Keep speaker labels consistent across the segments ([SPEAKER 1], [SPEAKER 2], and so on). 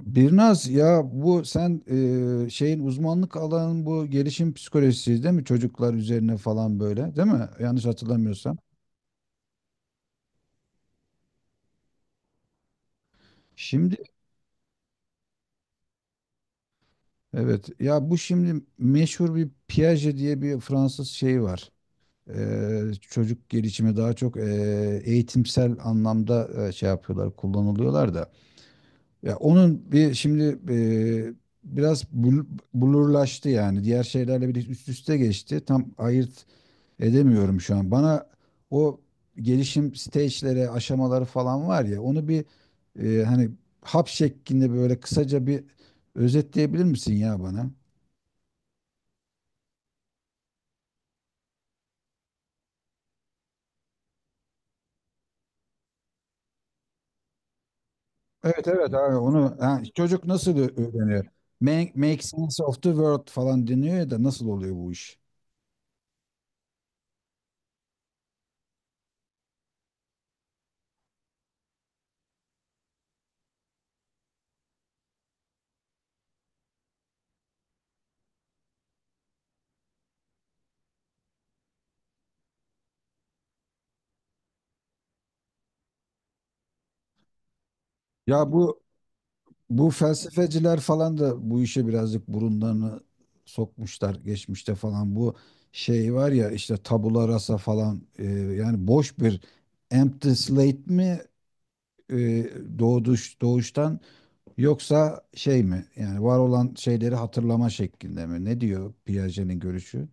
[SPEAKER 1] Birnaz ya bu sen şeyin uzmanlık alanın bu gelişim psikolojisi değil mi? Çocuklar üzerine falan böyle değil mi? Yanlış hatırlamıyorsam. Şimdi evet, ya bu şimdi meşhur bir Piaget diye bir Fransız şeyi var. Çocuk gelişimi daha çok eğitimsel anlamda şey yapıyorlar, kullanılıyorlar da. Ya onun bir şimdi biraz bulurlaştı yani, diğer şeylerle bir üst üste geçti. Tam ayırt edemiyorum şu an. Bana o gelişim stage'lere, aşamaları falan var ya, onu bir hani hap şeklinde böyle kısaca bir özetleyebilir misin ya bana? Evet, evet abi, onu ha, çocuk nasıl öğreniyor? Make, make sense of the world falan deniyor, ya da nasıl oluyor bu iş? Ya bu Bu felsefeciler falan da bu işe birazcık burunlarını sokmuşlar geçmişte falan. Bu şey var ya, işte tabula rasa falan, yani boş bir empty slate mi e, doğuştan, yoksa şey mi? Yani var olan şeyleri hatırlama şeklinde mi? Ne diyor Piaget'in görüşü?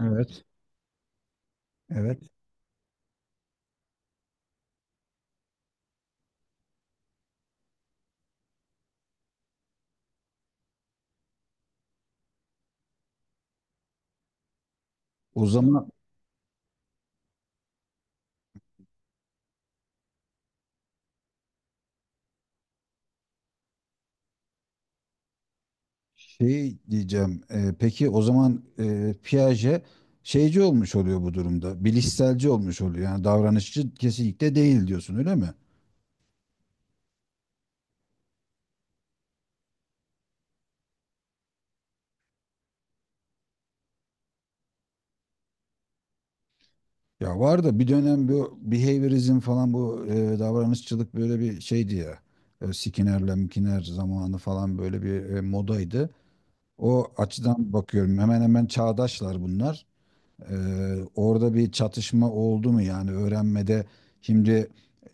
[SPEAKER 1] Evet. Evet. O zaman Şey diyeceğim. Peki o zaman Piaget şeyci olmuş oluyor bu durumda. Bilişselci olmuş oluyor. Yani davranışçı kesinlikle değil diyorsun, öyle mi? Ya var da, bir dönem bu behaviorizm falan, bu davranışçılık böyle bir şeydi ya. Skinner'le Mkinner zamanı falan, böyle bir modaydı. O açıdan bakıyorum. Hemen hemen çağdaşlar bunlar. Orada bir çatışma oldu mu yani öğrenmede, şimdi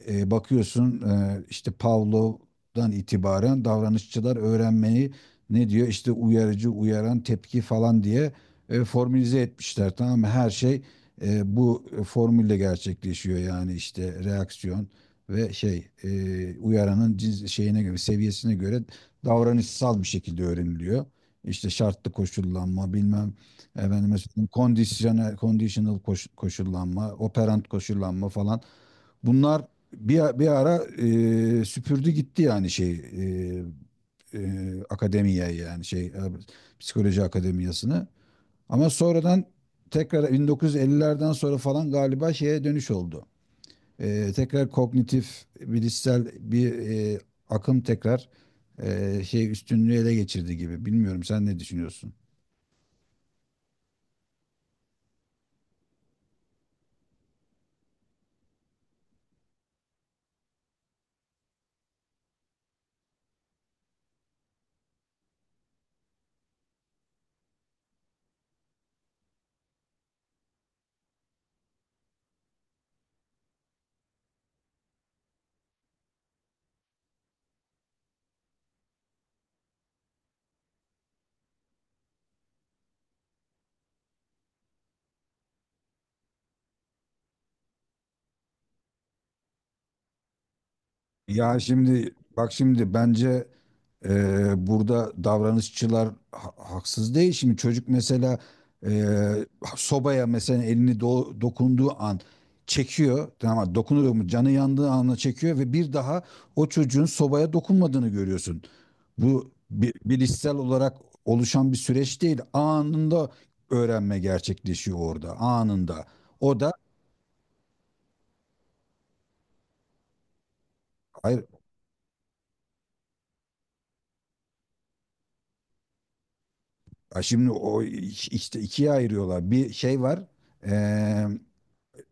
[SPEAKER 1] bakıyorsun işte Pavlov'dan itibaren davranışçılar öğrenmeyi ne diyor, işte uyarıcı uyaran tepki falan diye formülize etmişler, tamam mı? Her şey bu formülle gerçekleşiyor yani, işte reaksiyon ve şey, uyaranın şeyine göre, seviyesine göre davranışsal bir şekilde öğreniliyor. İşte şartlı koşullanma bilmem. Efendim, mesela kondisyonel, conditional koşullanma, operant koşullanma falan. Bunlar bir ara süpürdü gitti yani şey, akademiye, yani şey, psikoloji akademiyasını. Ama sonradan tekrar 1950'lerden sonra falan galiba şeye dönüş oldu. Tekrar kognitif bilişsel bir e, akım tekrar şey üstünlüğü ele geçirdi gibi. Bilmiyorum, sen ne düşünüyorsun? Ya şimdi bak, şimdi bence burada davranışçılar haksız değil. Şimdi çocuk mesela eee, sobaya mesela elini dokunduğu an çekiyor. Tamam mı? Dokunuyor mu? Canı yandığı anla çekiyor ve bir daha o çocuğun sobaya dokunmadığını görüyorsun. Bu bilişsel olarak oluşan bir süreç değil. Anında öğrenme gerçekleşiyor orada. Anında. O da hayır. Ha, şimdi o işte ikiye ayırıyorlar. Bir şey var,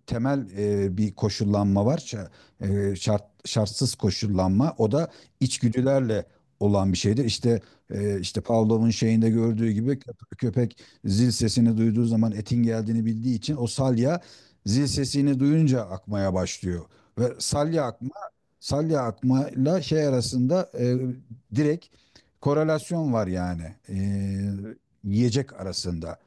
[SPEAKER 1] temel bir koşullanma var. Şart şartsız koşullanma. O da içgüdülerle olan bir şeydir. İşte işte Pavlov'un şeyinde gördüğü gibi, köpek zil sesini duyduğu zaman etin geldiğini bildiği için o salya, zil sesini duyunca akmaya başlıyor. Ve salya akmayla şey arasında, direkt korelasyon var yani e, yiyecek arasında.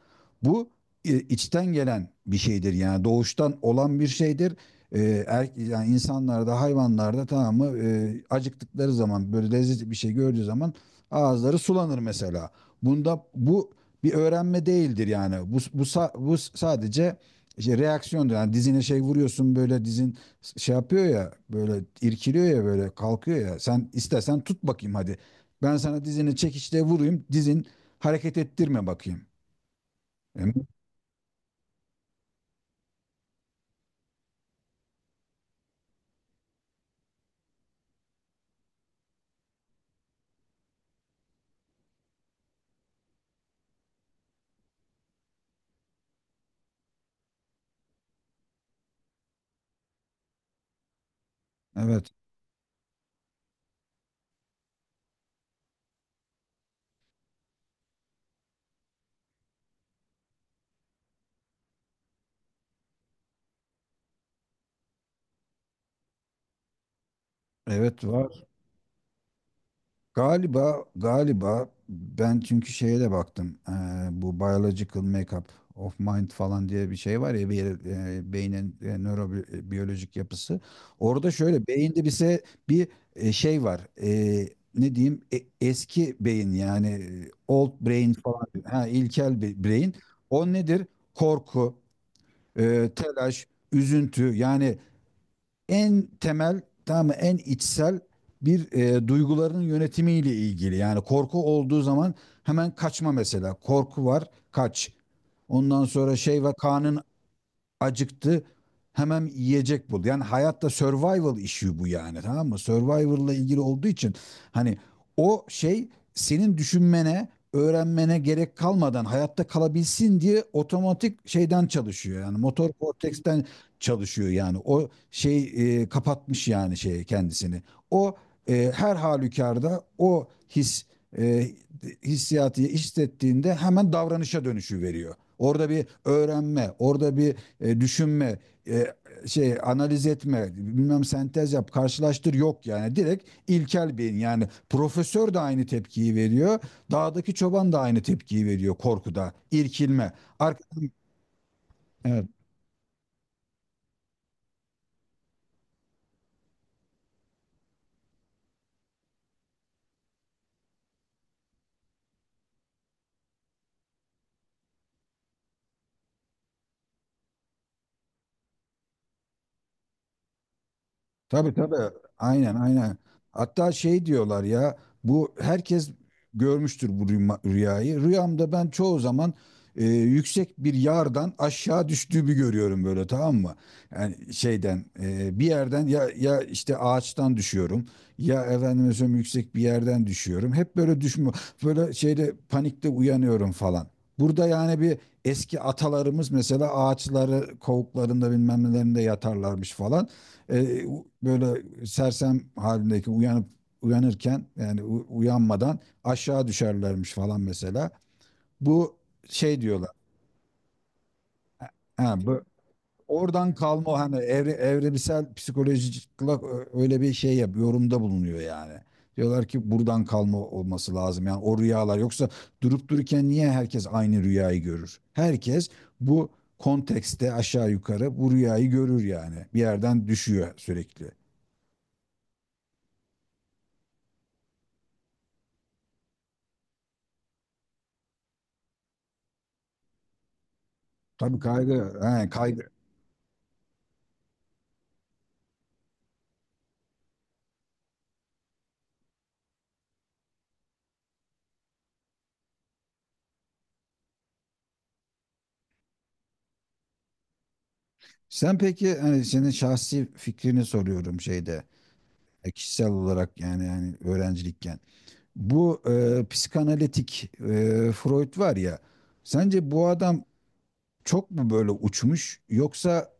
[SPEAKER 1] Bu içten gelen bir şeydir yani, doğuştan olan bir şeydir. E, yani insanlarda, hayvanlarda, tamam mı, acıktıkları zaman böyle lezzetli bir şey gördüğü zaman ağızları sulanır mesela. Bunda, bu bir öğrenme değildir yani. Bu sadece işte reaksiyondur. Yani dizine şey vuruyorsun böyle, dizin şey yapıyor ya, böyle irkiliyor ya, böyle kalkıyor ya. Sen istesen tut bakayım hadi. Ben sana dizini çekiçle vurayım. Dizin hareket ettirme bakayım. E, Evet. Evet var. Galiba, galiba ben çünkü şeye de baktım. Bu biological makeup of mind falan diye bir şey var ya bir yere-, beynin nörobiyolojik yapısı. Orada şöyle beyinde bize bir şey var. Ne diyeyim? Eski beyin, yani old brain falan. Ha, ilkel bir brain. O nedir? Korku, telaş, üzüntü, yani en temel, tamam mı, en içsel bir duyguların yönetimiyle ilgili. Yani korku olduğu zaman hemen kaçma mesela. Korku var, kaç. Ondan sonra şey var, kanın acıktı, hemen yiyecek bul. Yani hayatta survival işi bu yani, tamam mı? Survival'la ilgili olduğu için hani o şey, senin düşünmene, öğrenmene gerek kalmadan hayatta kalabilsin diye otomatik şeyden çalışıyor. Yani motor korteksten çalışıyor yani. O şey kapatmış yani şey kendisini. O her halükarda o his, e, hissiyatı hissettiğinde hemen davranışa dönüşü veriyor. Orada bir öğrenme, orada bir düşünme, e, şey analiz etme, bilmem sentez yap, karşılaştır yok yani. Direkt ilkel beyin, yani profesör de aynı tepkiyi veriyor. Dağdaki çoban da aynı tepkiyi veriyor korkuda, irkilme. Ar- evet. Tabii, tabii. Aynen, aynen. Hatta şey diyorlar ya, bu herkes görmüştür bu rüyayı. Rüyamda ben çoğu zaman yüksek bir yardan aşağı düştüğümü görüyorum böyle, tamam mı? Yani şeyden, bir yerden, ya işte ağaçtan düşüyorum, ya efendime söyleyeyim yüksek bir yerden düşüyorum. Hep böyle düşme, böyle şeyde, panikte uyanıyorum falan. Burada yani bir eski atalarımız mesela ağaçları kovuklarında bilmem nelerinde yatarlarmış falan, e, böyle sersem halindeki uyanıp, uyanırken yani uyanmadan aşağı düşerlermiş falan mesela. Bu şey diyorlar. Ha, bu oradan kalma, o hani evrimsel psikolojik olarak öyle bir şey yorumda bulunuyor yani. Diyorlar ki buradan kalma olması lazım. Yani o rüyalar yoksa durup dururken niye herkes aynı rüyayı görür? Herkes bu kontekste aşağı yukarı bu rüyayı görür yani. Bir yerden düşüyor sürekli. Tabii kaygı, he, kaygı. Sen peki, hani senin şahsi fikrini soruyorum şeyde, kişisel olarak yani, yani öğrencilikken. Bu psikanalitik, Freud var ya, sence bu adam çok mu böyle uçmuş, yoksa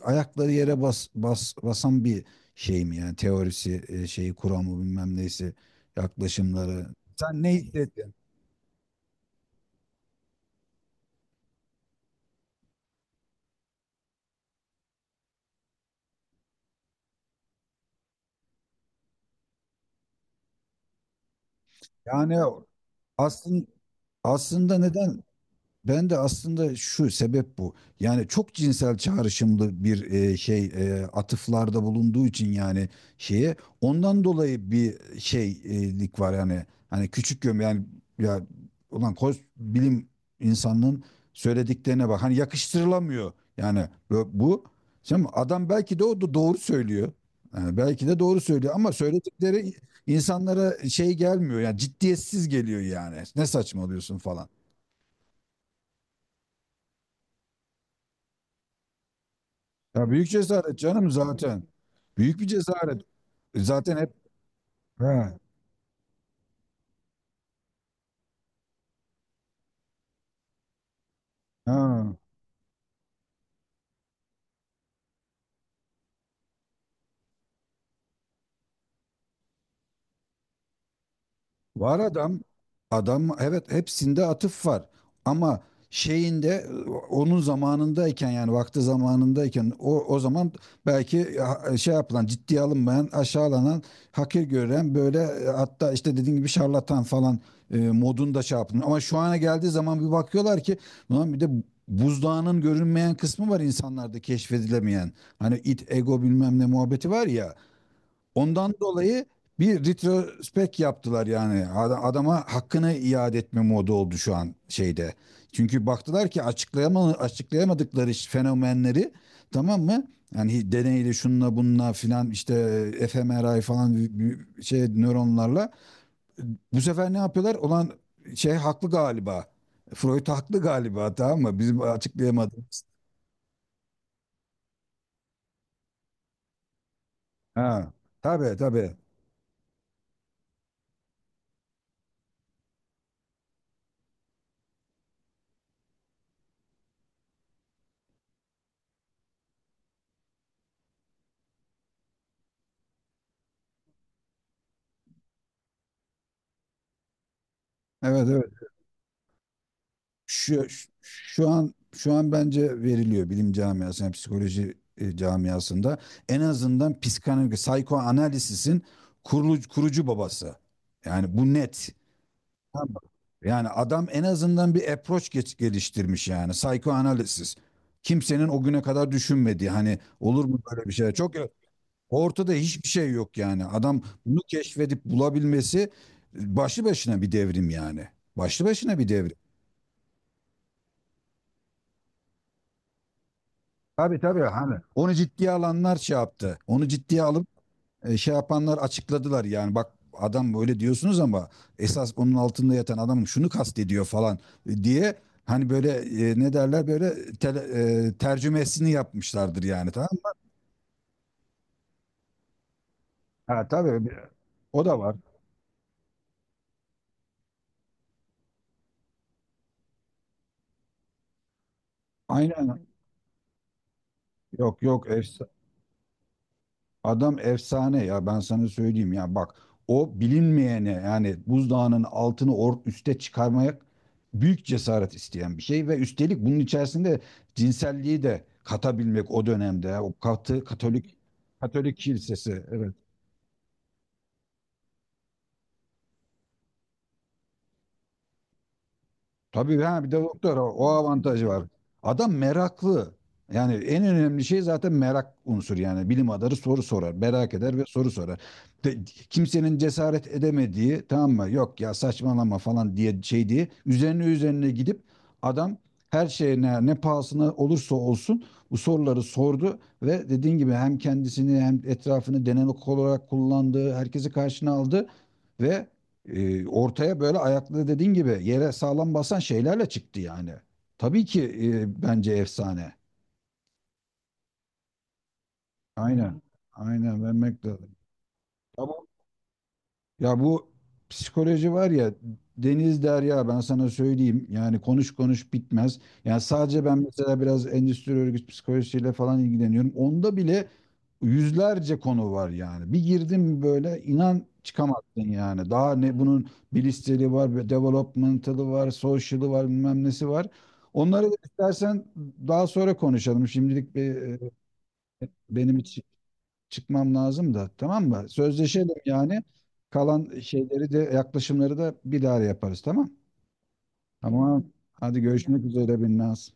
[SPEAKER 1] ayakları yere bas basan bir şey mi, yani teorisi şeyi, kuramı, bilmem neyse yaklaşımları. Sen ne hissettin? Yani aslında aslında neden, ben de aslında şu sebep bu. Yani çok cinsel çağrışımlı bir şey, atıflarda bulunduğu için, yani şeye, ondan dolayı bir şeylik var yani, hani küçük göm yani. Ya, ulan koz, bilim insanının söylediklerine bak, hani yakıştırılamıyor yani, bu. Şimdi adam belki de, o da doğru söylüyor. Yani belki de doğru söylüyor, ama söyledikleri insanlara şey gelmiyor yani, ciddiyetsiz geliyor yani. Ne saçmalıyorsun falan. Ya büyük cesaret canım zaten. Büyük bir cesaret. Zaten hep ha, ha. Var adam. Adam evet, hepsinde atıf var. Ama şeyinde, onun zamanındayken yani vakti zamanındayken, o zaman belki şey yapılan, ciddiye alınmayan, aşağılanan, hakir gören böyle, hatta işte dediğim gibi şarlatan falan modunda şey yapın. Ama şu ana geldiği zaman bir bakıyorlar ki ulan bir de buzdağının görünmeyen kısmı var insanlarda, keşfedilemeyen. Hani it, ego, bilmem ne muhabbeti var ya. Ondan dolayı bir retrospekt yaptılar yani. Adama hakkını iade etme modu oldu şu an şeyde. Çünkü baktılar ki açıklayamadıkları fenomenleri, tamam mı? Yani deneyle, şunla bununla filan, işte fMRI falan, bir şey nöronlarla. Bu sefer ne yapıyorlar? Olan şey haklı galiba. Freud haklı galiba, tamam mı? Bizim açıklayamadığımız. Ha. Tabii, tabii. Evet, evet. Şu, şu an bence veriliyor bilim camiasında, psikoloji camiasında, en azından psikanaliz, psikoanalizisin kurucu babası. Yani bu net. Tamam mı? Yani adam en azından bir approach geliştirmiş yani, psikoanaliz. Kimsenin o güne kadar düşünmediği, hani olur mu böyle bir şey? Çok ortada hiçbir şey yok yani. Adam bunu keşfedip bulabilmesi başlı başına bir devrim yani. Başlı başına bir devrim. Tabii, tabii, hani onu ciddiye alanlar şey yaptı. Onu ciddiye alıp şey yapanlar açıkladılar yani, bak adam böyle diyorsunuz ama esas onun altında yatan, adam şunu kastediyor falan diye, hani böyle, ne derler böyle, tercümesini yapmışlardır yani, tamam mı? Ha tabii o da var. Aynen. Yok, yok. Adam efsane ya, ben sana söyleyeyim ya, bak o bilinmeyene, yani buzdağının altını or üste çıkarmaya, büyük cesaret isteyen bir şey, ve üstelik bunun içerisinde cinselliği de katabilmek o dönemde ya, o katı Katolik, Katolik kilisesi, evet. Tabii, ha bir de doktor, o o avantajı var. Adam meraklı. Yani en önemli şey zaten merak unsur yani, bilim adamı soru sorar, merak eder ve soru sorar. De- Kimsenin cesaret edemediği, tamam mı? Yok ya, saçmalama falan diye şey diye, üzerine üzerine gidip adam her şeyine, ne pahasına olursa olsun bu soruları sordu ve dediğin gibi hem kendisini hem etrafını denemek olarak kullandı, herkesi karşına aldı ve ortaya böyle ayaklı, dediğin gibi yere sağlam basan şeylerle çıktı yani. Tabii ki, bence efsane. Aynen. Aynen vermek lazım. Tamam. Ya bu psikoloji var ya, deniz derya, ben sana söyleyeyim yani, konuş konuş bitmez. Yani sadece ben mesela biraz endüstri örgüt psikolojisiyle falan ilgileniyorum. Onda bile yüzlerce konu var yani. Bir girdim mi böyle, inan çıkamazsın yani. Daha ne bunun bilişseli var, bir developmental'ı var, social'ı var, bilmem nesi var. Onları da istersen daha sonra konuşalım. Şimdilik bir, benim için çıkmam lazım da, tamam mı? Sözleşelim yani. Kalan şeyleri de, yaklaşımları da bir daha yaparız, tamam? Tamam. Hadi görüşmek üzere Binnaz.